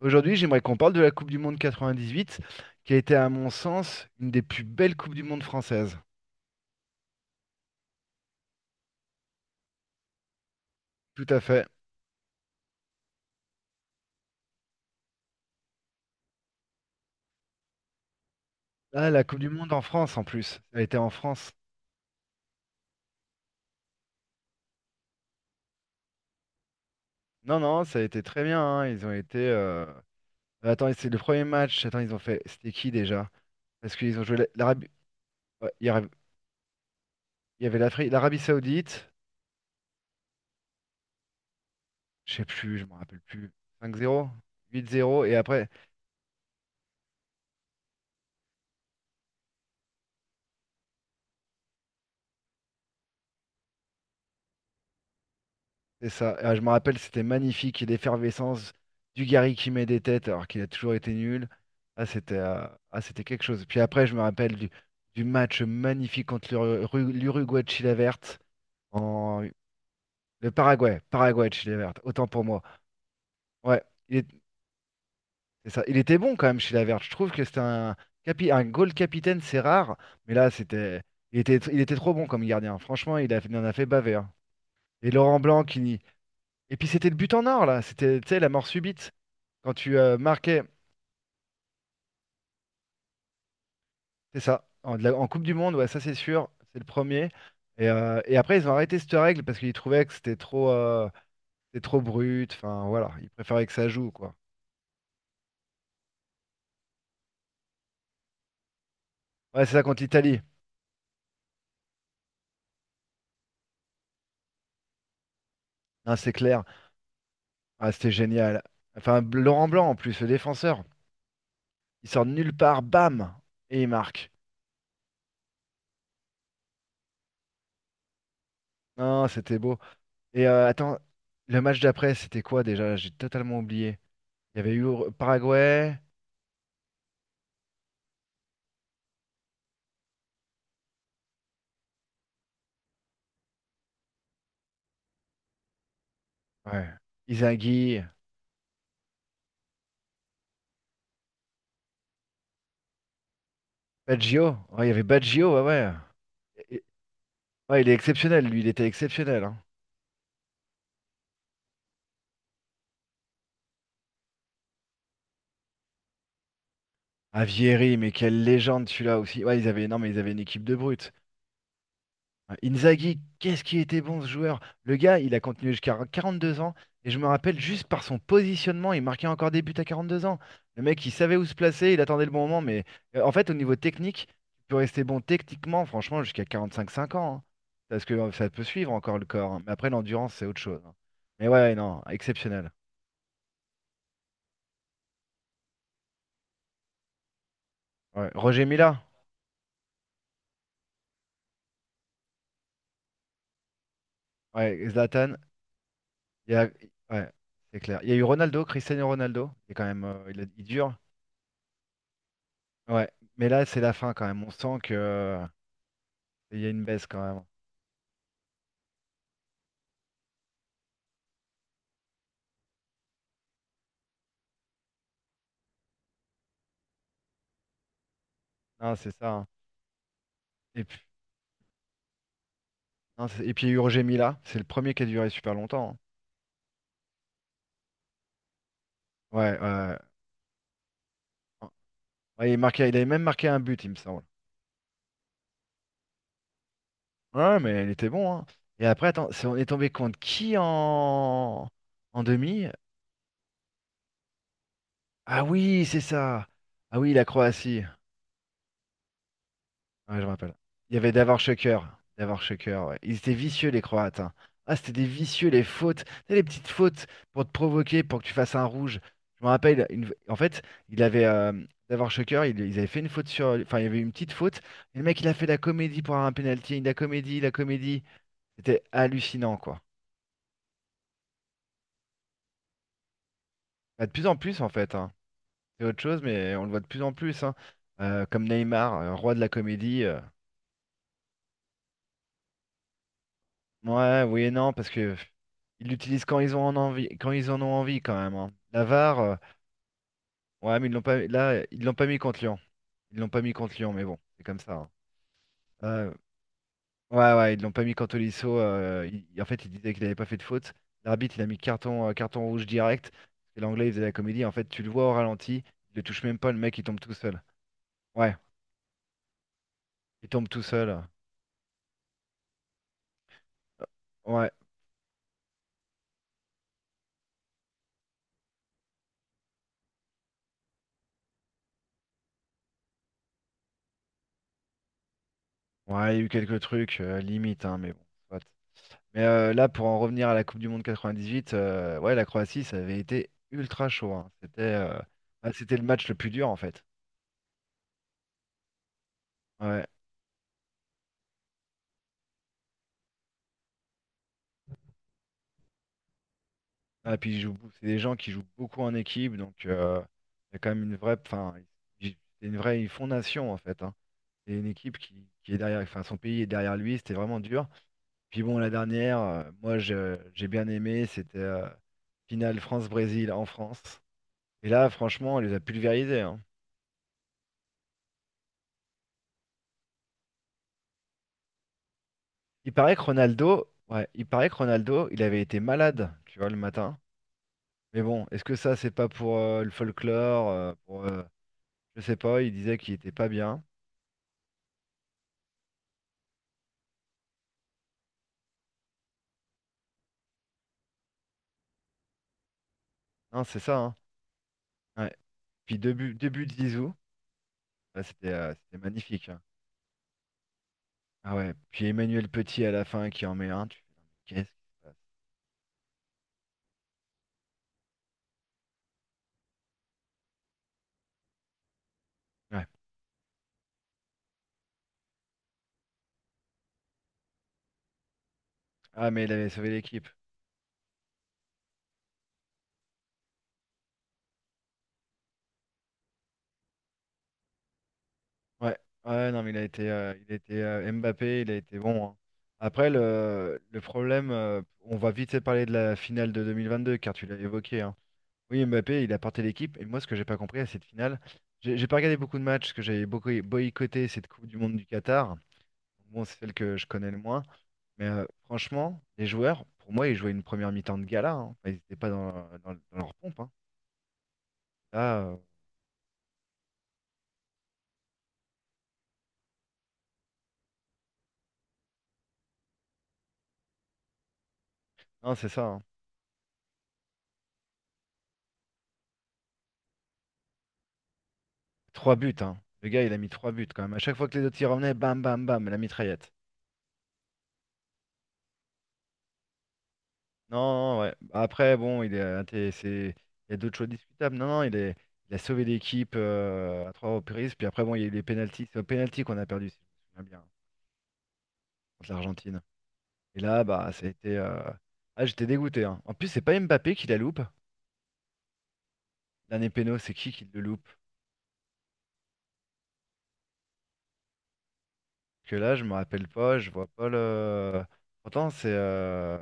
Aujourd'hui, j'aimerais qu'on parle de la Coupe du Monde 98, qui a été, à mon sens, une des plus belles Coupes du Monde françaises. Tout à fait. Ah, la Coupe du Monde en France, en plus. Ça a été en France. Non, non, ça a été très bien, hein. Ils ont été. Attends, c'est le premier match. Attends, ils ont fait. C'était qui déjà? Parce qu'ils ont joué l'Arabie. Ouais, il y avait l'Afrique, l'Arabie Saoudite. Je sais plus, je me rappelle plus. 5-0, 8-0, et après, c'est ça. Ah, je me rappelle, c'était magnifique, et l'effervescence du Gary qui met des têtes alors qu'il a toujours été nul. Ah, c'était euh, ah, c'était quelque chose. Puis après, je me rappelle du match magnifique contre l'Uruguay de Chile verte. En... Le Paraguay. Paraguay de Chile verte. Autant pour moi. Ouais, il est- c'est ça. Il était bon quand même, Chile verte. Je trouve que c'était un goal capitaine, c'est rare. Mais là, c'était. Il était trop bon comme gardien. Franchement, il en a fait baver, hein. Et Laurent Blanc qui. Et puis c'était le but en or, là. C'était, tu sais, la mort subite. Quand tu marquais, c'est ça, en Coupe du Monde, ouais, ça c'est sûr, c'est le premier. Et après, ils ont arrêté cette règle parce qu'ils trouvaient que c'était trop brut. Enfin, voilà, ils préféraient que ça joue, quoi. Ouais, c'est ça contre l'Italie. Hein, c'est clair. Ah, c'était génial. Enfin, Laurent Blanc, en plus, le défenseur, il sort de nulle part, bam, et il marque. Non, c'était beau. Et attends, le match d'après, c'était quoi déjà? J'ai totalement oublié. Il y avait eu Paraguay, ouais, Inzaghi, Baggio. Ouais, il y avait Baggio, ouais, ouais. Ouais, il est exceptionnel, lui, il était exceptionnel, hein. Ah, Vieri, mais quelle légende celui-là aussi. Ouais, ils avaient, non, mais ils avaient une équipe de brutes. Ah, Inzaghi, qu'est-ce qu'il était bon ce joueur. Le gars, il a continué jusqu'à 42 ans. Et je me rappelle juste par son positionnement, il marquait encore des buts à 2 ans. Le mec, il savait où se placer, il attendait le bon moment. Mais en fait, au niveau technique, tu peux rester bon techniquement, franchement, jusqu'à quarante-cinq cinq ans, hein. Parce que ça peut suivre encore le corps, hein. Mais après, l'endurance, c'est autre chose, hein. Mais ouais, non, exceptionnel. Ouais. Roger Mila, ouais, Zlatan. Il y a... Ouais, c'est clair. Il y a eu Ronaldo, Cristiano Ronaldo. Il est quand même, il dure. Ouais, mais là, c'est la fin quand même. On sent que il y a une baisse quand même. Non, c'est ça, hein. Et puis, non, et puis il y a eu Roger Mila. C'est le premier qui a duré super longtemps, hein. Ouais, ouais. Ouais, ouais, il marquait, il avait même marqué un but, il me semble. Ouais, mais il était bon, hein. Et après, attends, on est tombé contre qui en demi? Ah oui, c'est ça. Ah oui, la Croatie. Ouais, je me rappelle. Il y avait Davor Shocker. Davor Shocker, ouais. Ils étaient vicieux, les Croates, hein. Ah, c'était des vicieux, les fautes. Tu sais, les petites fautes pour te provoquer, pour que tu fasses un rouge. Je me rappelle, en fait, il avait. Davor Shocker, ils avaient fait une faute sur. Enfin, il y avait une petite faute. Et le mec, il a fait la comédie pour un penalty. La comédie, la comédie. C'était hallucinant, quoi. Bah, de plus en plus, en fait, hein. C'est autre chose, mais on le voit de plus en plus, hein. Comme Neymar, roi de la comédie. Ouais, oui et non, parce que pff, ils l'utilisent quand ils ont en envie, quand ils en ont envie quand même, hein. La VAR, ouais, mais ils l'ont pas, là, ils l'ont pas mis contre Lyon. Ils l'ont pas mis contre Lyon, mais bon, c'est comme ça, hein. Euh, ouais, ouais, ils l'ont pas mis contre Tolisso. En fait, il disait qu'il n'avait pas fait de faute. L'arbitre, il a mis carton rouge direct. Et l'Anglais, il faisait la comédie. En fait, tu le vois au ralenti, il le touche même pas, le mec, il tombe tout seul. Ouais, il tombe tout seul. Ouais, ouais, il y a eu quelques trucs, limite, hein, mais bon. Mais là, pour en revenir à la Coupe du Monde 98, ouais, la Croatie, ça avait été ultra chaud, hein. C'était le match le plus dur, en fait. Ouais. Ah, c'est des gens qui jouent beaucoup en équipe, donc il y a quand même une vraie, enfin, c'est une vraie fondation, en fait, hein. C'est une équipe qui est derrière, enfin, son pays est derrière lui, c'était vraiment dur. Puis bon, la dernière, moi, j'ai bien aimé, c'était finale France-Brésil en France. Et là, franchement, elle les a pulvérisés, hein. Il paraît que Ronaldo, ouais, il paraît que Ronaldo, il avait été malade, tu vois, le matin. Mais bon, est-ce que ça, c'est pas pour le folklore, pour, je sais pas, il disait qu'il était pas bien. Non, c'est ça, hein. Ouais. Puis deux buts de Zizou, ouais, c'était magnifique, hein. Ah ouais, puis Emmanuel Petit à la fin qui en met un, tu fais, qu'est-ce qui se passe? Ouais. Ah mais il avait sauvé l'équipe. Ouais, ouais, non, mais il a été Mbappé, il a été bon, hein. Après, le problème, on va vite parler de la finale de 2022, car tu l'as évoqué, hein. Oui, Mbappé, il a porté l'équipe, et moi, ce que j'ai pas compris à cette finale, j'ai pas regardé beaucoup de matchs, parce que j'avais beaucoup boycotté cette Coupe du Monde du Qatar. Bon, c'est celle que je connais le moins, mais franchement, les joueurs, pour moi, ils jouaient une première mi-temps de gala, hein. Enfin, ils n'étaient pas dans, dans leur pompe, hein. Là, non, c'est ça, hein. Trois buts, hein. Le gars, il a mis trois buts quand même. À chaque fois que les autres y revenaient, bam, bam, bam, la mitraillette. Non, non, ouais. Après, bon, il est, inté- c'est- il y a d'autres choses discutables. Non, non, il a sauvé l'équipe à trois reprises. Puis après, bon, il y a eu les pénaltys. C'est au pénalty qu'on a perdu, si je me souviens bien, contre l'Argentine. Et là, bah, ça a été. Ah, j'étais dégoûté, hein. En plus, c'est pas Mbappé qui la loupe. Dernier péno, c'est qui le loupe? Parce que là, je me rappelle pas, je vois pas le. Pourtant, c'est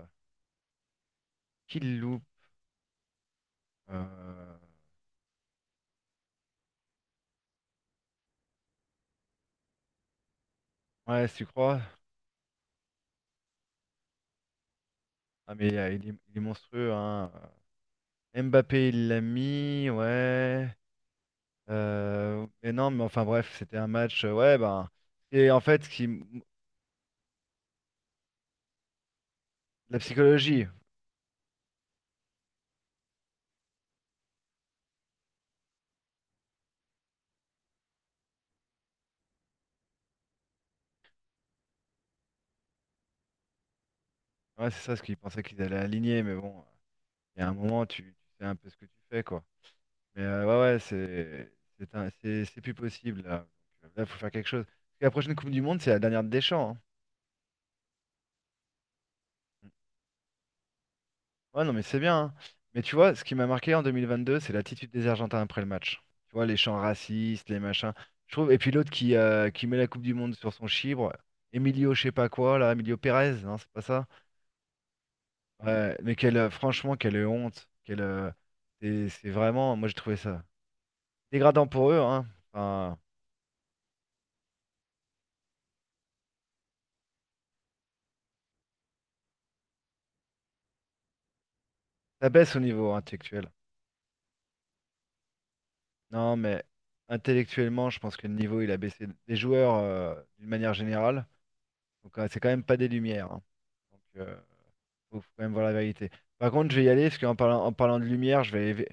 qui le loupe? Euh, Ouais, si tu crois. Ah mais il est monstrueux, hein. Mbappé, il l'a mis, ouais. Mais non, mais enfin bref, c'était un match, ouais, ben. Et en fait, la psychologie, ouais, c'est ça ce qu'ils pensaient qu'ils allaient aligner, mais bon, il y a un moment, tu sais un peu ce que tu fais, quoi. Mais ouais, ouais, c'est plus possible, là. Donc, là, il faut faire quelque chose. Parce que la prochaine Coupe du Monde, c'est la dernière de Deschamps, hein. Ouais, non, mais c'est bien, hein. Mais tu vois, ce qui m'a marqué en 2022, c'est l'attitude des Argentins après le match. Tu vois, les chants racistes, les machins. Je trouve. Et puis l'autre qui met la Coupe du Monde sur son chibre, Emilio, je sais pas quoi, là, Emilio Pérez, non, c'est pas ça. Ouais, mais quelle, franchement, quelle honte. Quelle, c'est vraiment, moi j'ai trouvé ça dégradant pour eux, hein. Enfin, ça baisse au niveau intellectuel. Non, mais intellectuellement, je pense que le niveau, il a baissé des joueurs d'une manière générale. Donc, c'est quand même pas des lumières, hein. Donc, faut quand même voir la vérité. Par contre, je vais y aller parce qu'en parlant de lumière, je vais aller, vé-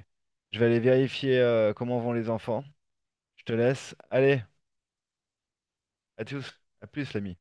je vais aller vérifier comment vont les enfants. Je te laisse. Allez, à tous. À plus, l'ami.